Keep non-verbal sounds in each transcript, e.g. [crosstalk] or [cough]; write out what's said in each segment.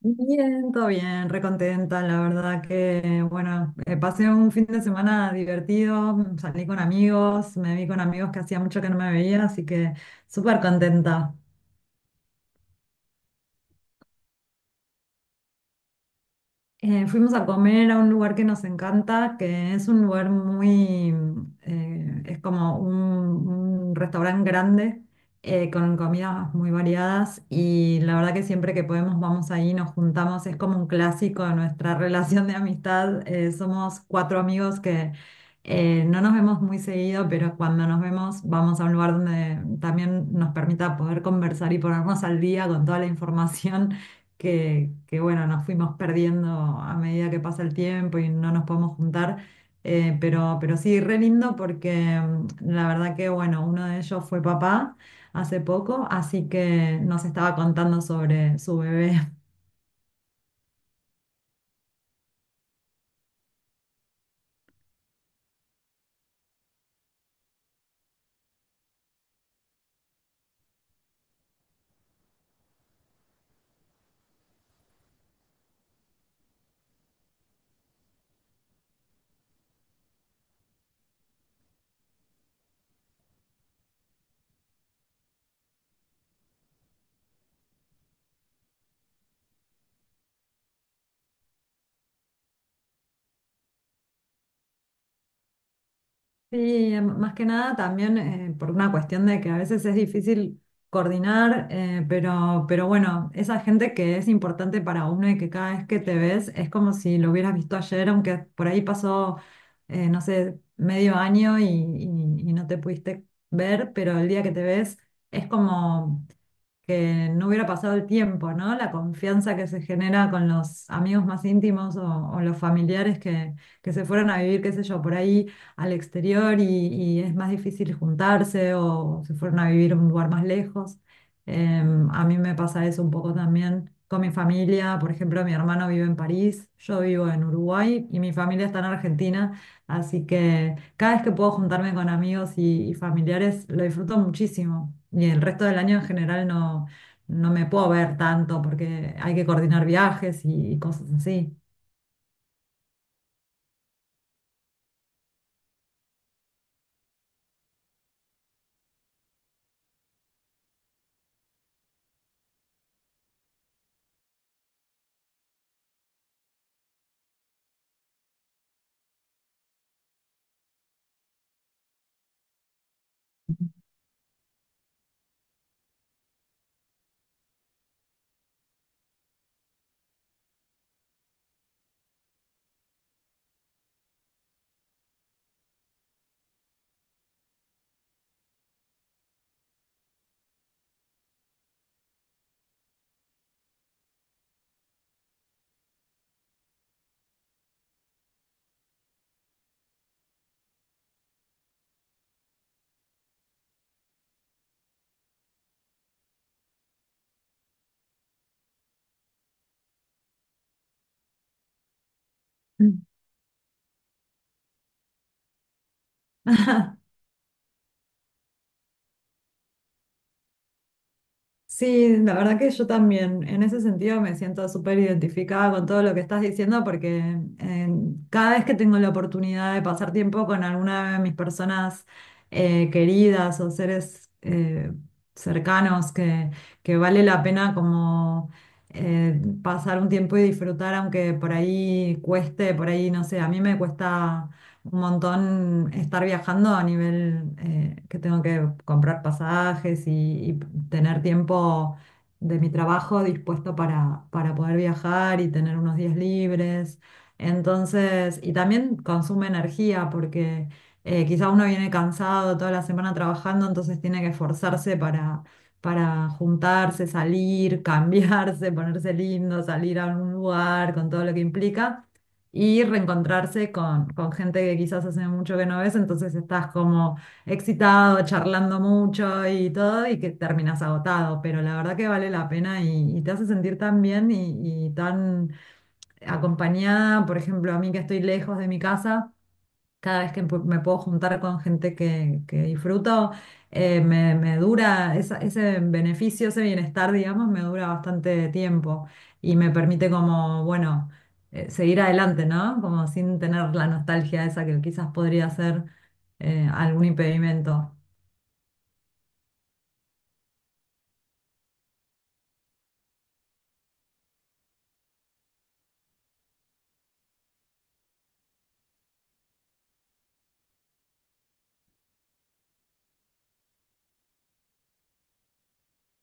Bien, todo bien, recontenta, la verdad que, bueno, pasé un fin de semana divertido, salí con amigos, me vi con amigos que hacía mucho que no me veía, así que súper contenta. Fuimos a comer a un lugar que nos encanta, que es un lugar muy, es como un, restaurante grande, con comidas muy variadas y la verdad que siempre que podemos vamos ahí, nos juntamos, es como un clásico de nuestra [laughs] relación de amistad. Somos cuatro amigos que no nos vemos muy seguido, pero cuando nos vemos vamos a un lugar donde también nos permita poder conversar y ponernos al día con toda la información bueno, nos fuimos perdiendo a medida que pasa el tiempo y no nos podemos juntar. Pero sí, re lindo porque la verdad que, bueno, uno de ellos fue papá hace poco, así que nos estaba contando sobre su bebé. Sí, más que nada también por una cuestión de que a veces es difícil coordinar, pero bueno, esa gente que es importante para uno y que cada vez que te ves es como si lo hubieras visto ayer, aunque por ahí pasó, no sé, medio año y no te pudiste ver, pero el día que te ves es como que no hubiera pasado el tiempo, ¿no? La confianza que se genera con los amigos más íntimos o los familiares que se fueron a vivir, qué sé yo, por ahí al exterior y es más difícil juntarse o se fueron a vivir a un lugar más lejos. A mí me pasa eso un poco también con mi familia. Por ejemplo, mi hermano vive en París, yo vivo en Uruguay y mi familia está en Argentina. Así que cada vez que puedo juntarme con amigos y familiares lo disfruto muchísimo. Y el resto del año en general no, no me puedo ver tanto porque hay que coordinar viajes y cosas así. Sí, la verdad que yo también en ese sentido me siento súper identificada con todo lo que estás diciendo porque cada vez que tengo la oportunidad de pasar tiempo con alguna de mis personas queridas o seres cercanos que vale la pena como pasar un tiempo y disfrutar aunque por ahí cueste, por ahí no sé, a mí me cuesta un montón estar viajando a nivel que tengo que comprar pasajes y tener tiempo de mi trabajo dispuesto para poder viajar y tener unos días libres. Entonces, y también consume energía porque quizá uno viene cansado toda la semana trabajando, entonces tiene que esforzarse para juntarse, salir, [laughs] cambiarse, ponerse lindo, salir a un lugar con todo lo que implica y reencontrarse con gente que quizás hace mucho que no ves, entonces estás como excitado, charlando mucho y todo, y que terminas agotado, pero la verdad que vale la pena y te hace sentir tan bien y tan acompañada, por ejemplo, a mí que estoy lejos de mi casa cada vez que me puedo juntar con gente que disfruto, me dura ese beneficio, ese bienestar, digamos, me dura bastante tiempo y me permite como, bueno, seguir adelante, ¿no? Como sin tener la nostalgia esa que quizás podría ser algún impedimento.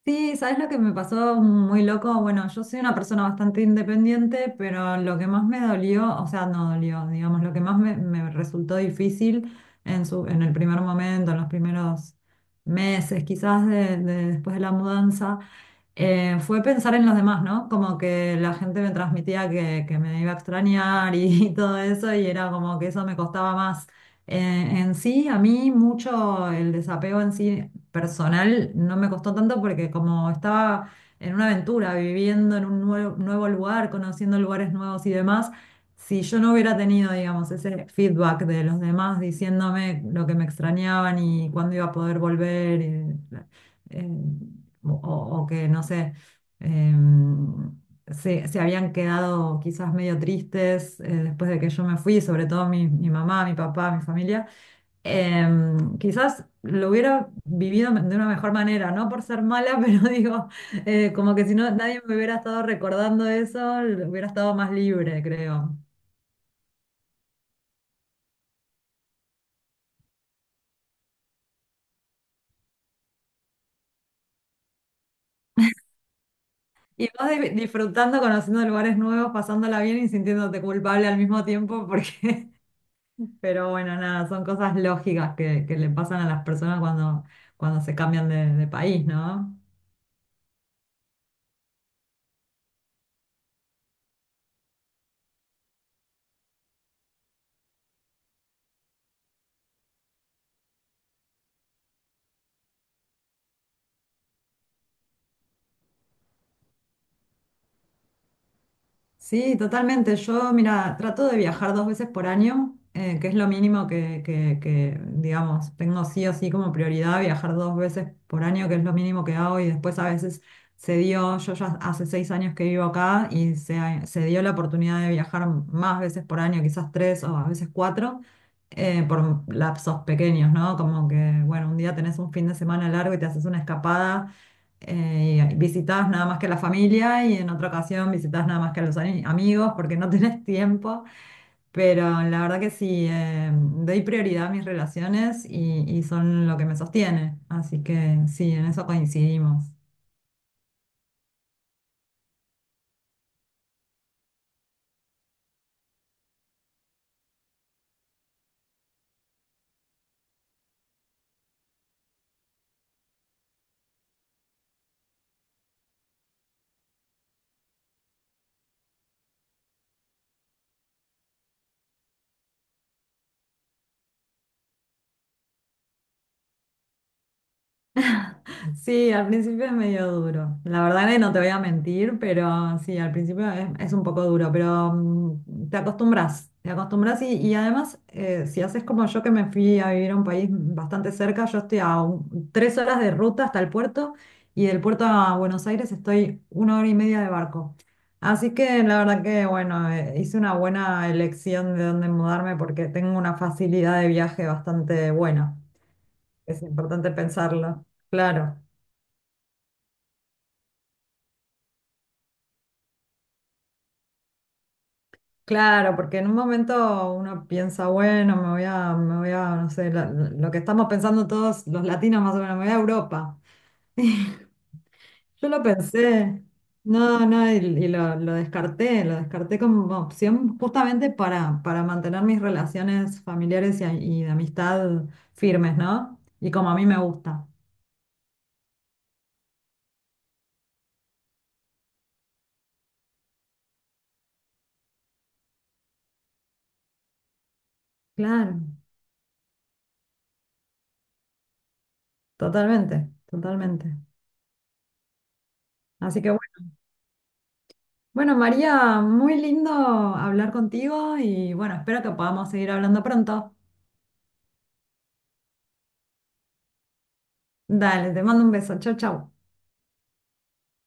Sí, ¿sabes lo que me pasó muy loco? Bueno, yo soy una persona bastante independiente, pero lo que más me dolió, o sea, no dolió, digamos, lo que más me resultó difícil en su, en el primer momento, en los primeros meses, quizás después de la mudanza, fue pensar en los demás, ¿no? Como que la gente me transmitía que me iba a extrañar y, [laughs] todo eso, y era como que eso me costaba más. En sí, a mí mucho el desapego en sí personal no me costó tanto porque como estaba en una aventura, viviendo en un nuevo, nuevo lugar, conociendo lugares nuevos y demás, si yo no hubiera tenido, digamos, ese feedback de los demás diciéndome lo que me extrañaban y cuándo iba a poder volver, y, eh, o que, no sé, em, se habían quedado quizás medio tristes después de que yo me fui, sobre todo mi mamá, mi papá, mi familia, quizás lo hubiera vivido de una mejor manera, no por ser mala, [laughs] pero digo, como que si no nadie me hubiera estado recordando eso, hubiera estado más libre, creo. Y vas disfrutando, conociendo lugares nuevos, pasándola bien y sintiéndote culpable al mismo tiempo porque. Pero bueno, nada, son cosas lógicas que le pasan a las personas cuando, cuando se cambian de país, ¿no? Sí, totalmente. Yo, mira, trato de viajar dos veces por año, que es lo mínimo digamos, tengo sí o sí como prioridad viajar dos veces por año, que es lo mínimo que hago. Y después a veces se dio, yo ya hace 6 años que vivo acá y se dio la oportunidad de viajar más veces por año, quizás tres o a veces cuatro, por lapsos pequeños, ¿no? Como que, bueno, un día tenés un fin de semana largo y te haces una escapada visitabas nada más que la familia y en otra ocasión visitas nada más que a los amigos porque no [laughs] tenés tiempo, pero la verdad que sí, doy prioridad a mis relaciones y son lo que me sostiene, así que sí, en eso coincidimos. Sí, al principio es medio duro. La verdad que no te voy a mentir, pero sí, al principio es un poco duro, pero te acostumbras y además, si haces como yo que me fui a vivir a un país bastante cerca, yo estoy a 3 horas de ruta hasta el puerto y del puerto a Buenos Aires estoy una hora y media de barco. Así que la verdad que, bueno, hice una buena elección de dónde mudarme porque tengo una facilidad de viaje bastante buena. Es importante pensarlo, claro. Claro, porque en un momento uno piensa, bueno, me voy a, no sé, lo que estamos pensando todos los latinos más o menos, me voy a Europa. [laughs] Yo lo pensé, no, no, lo descarté como opción justamente para mantener mis relaciones familiares y, y de amistad firmes, ¿no? Y como a mí me gusta. Claro, totalmente, totalmente. Así que bueno, bueno, María, muy lindo hablar contigo y bueno, espero que podamos seguir hablando pronto. Dale, te mando un beso. Chau, chau.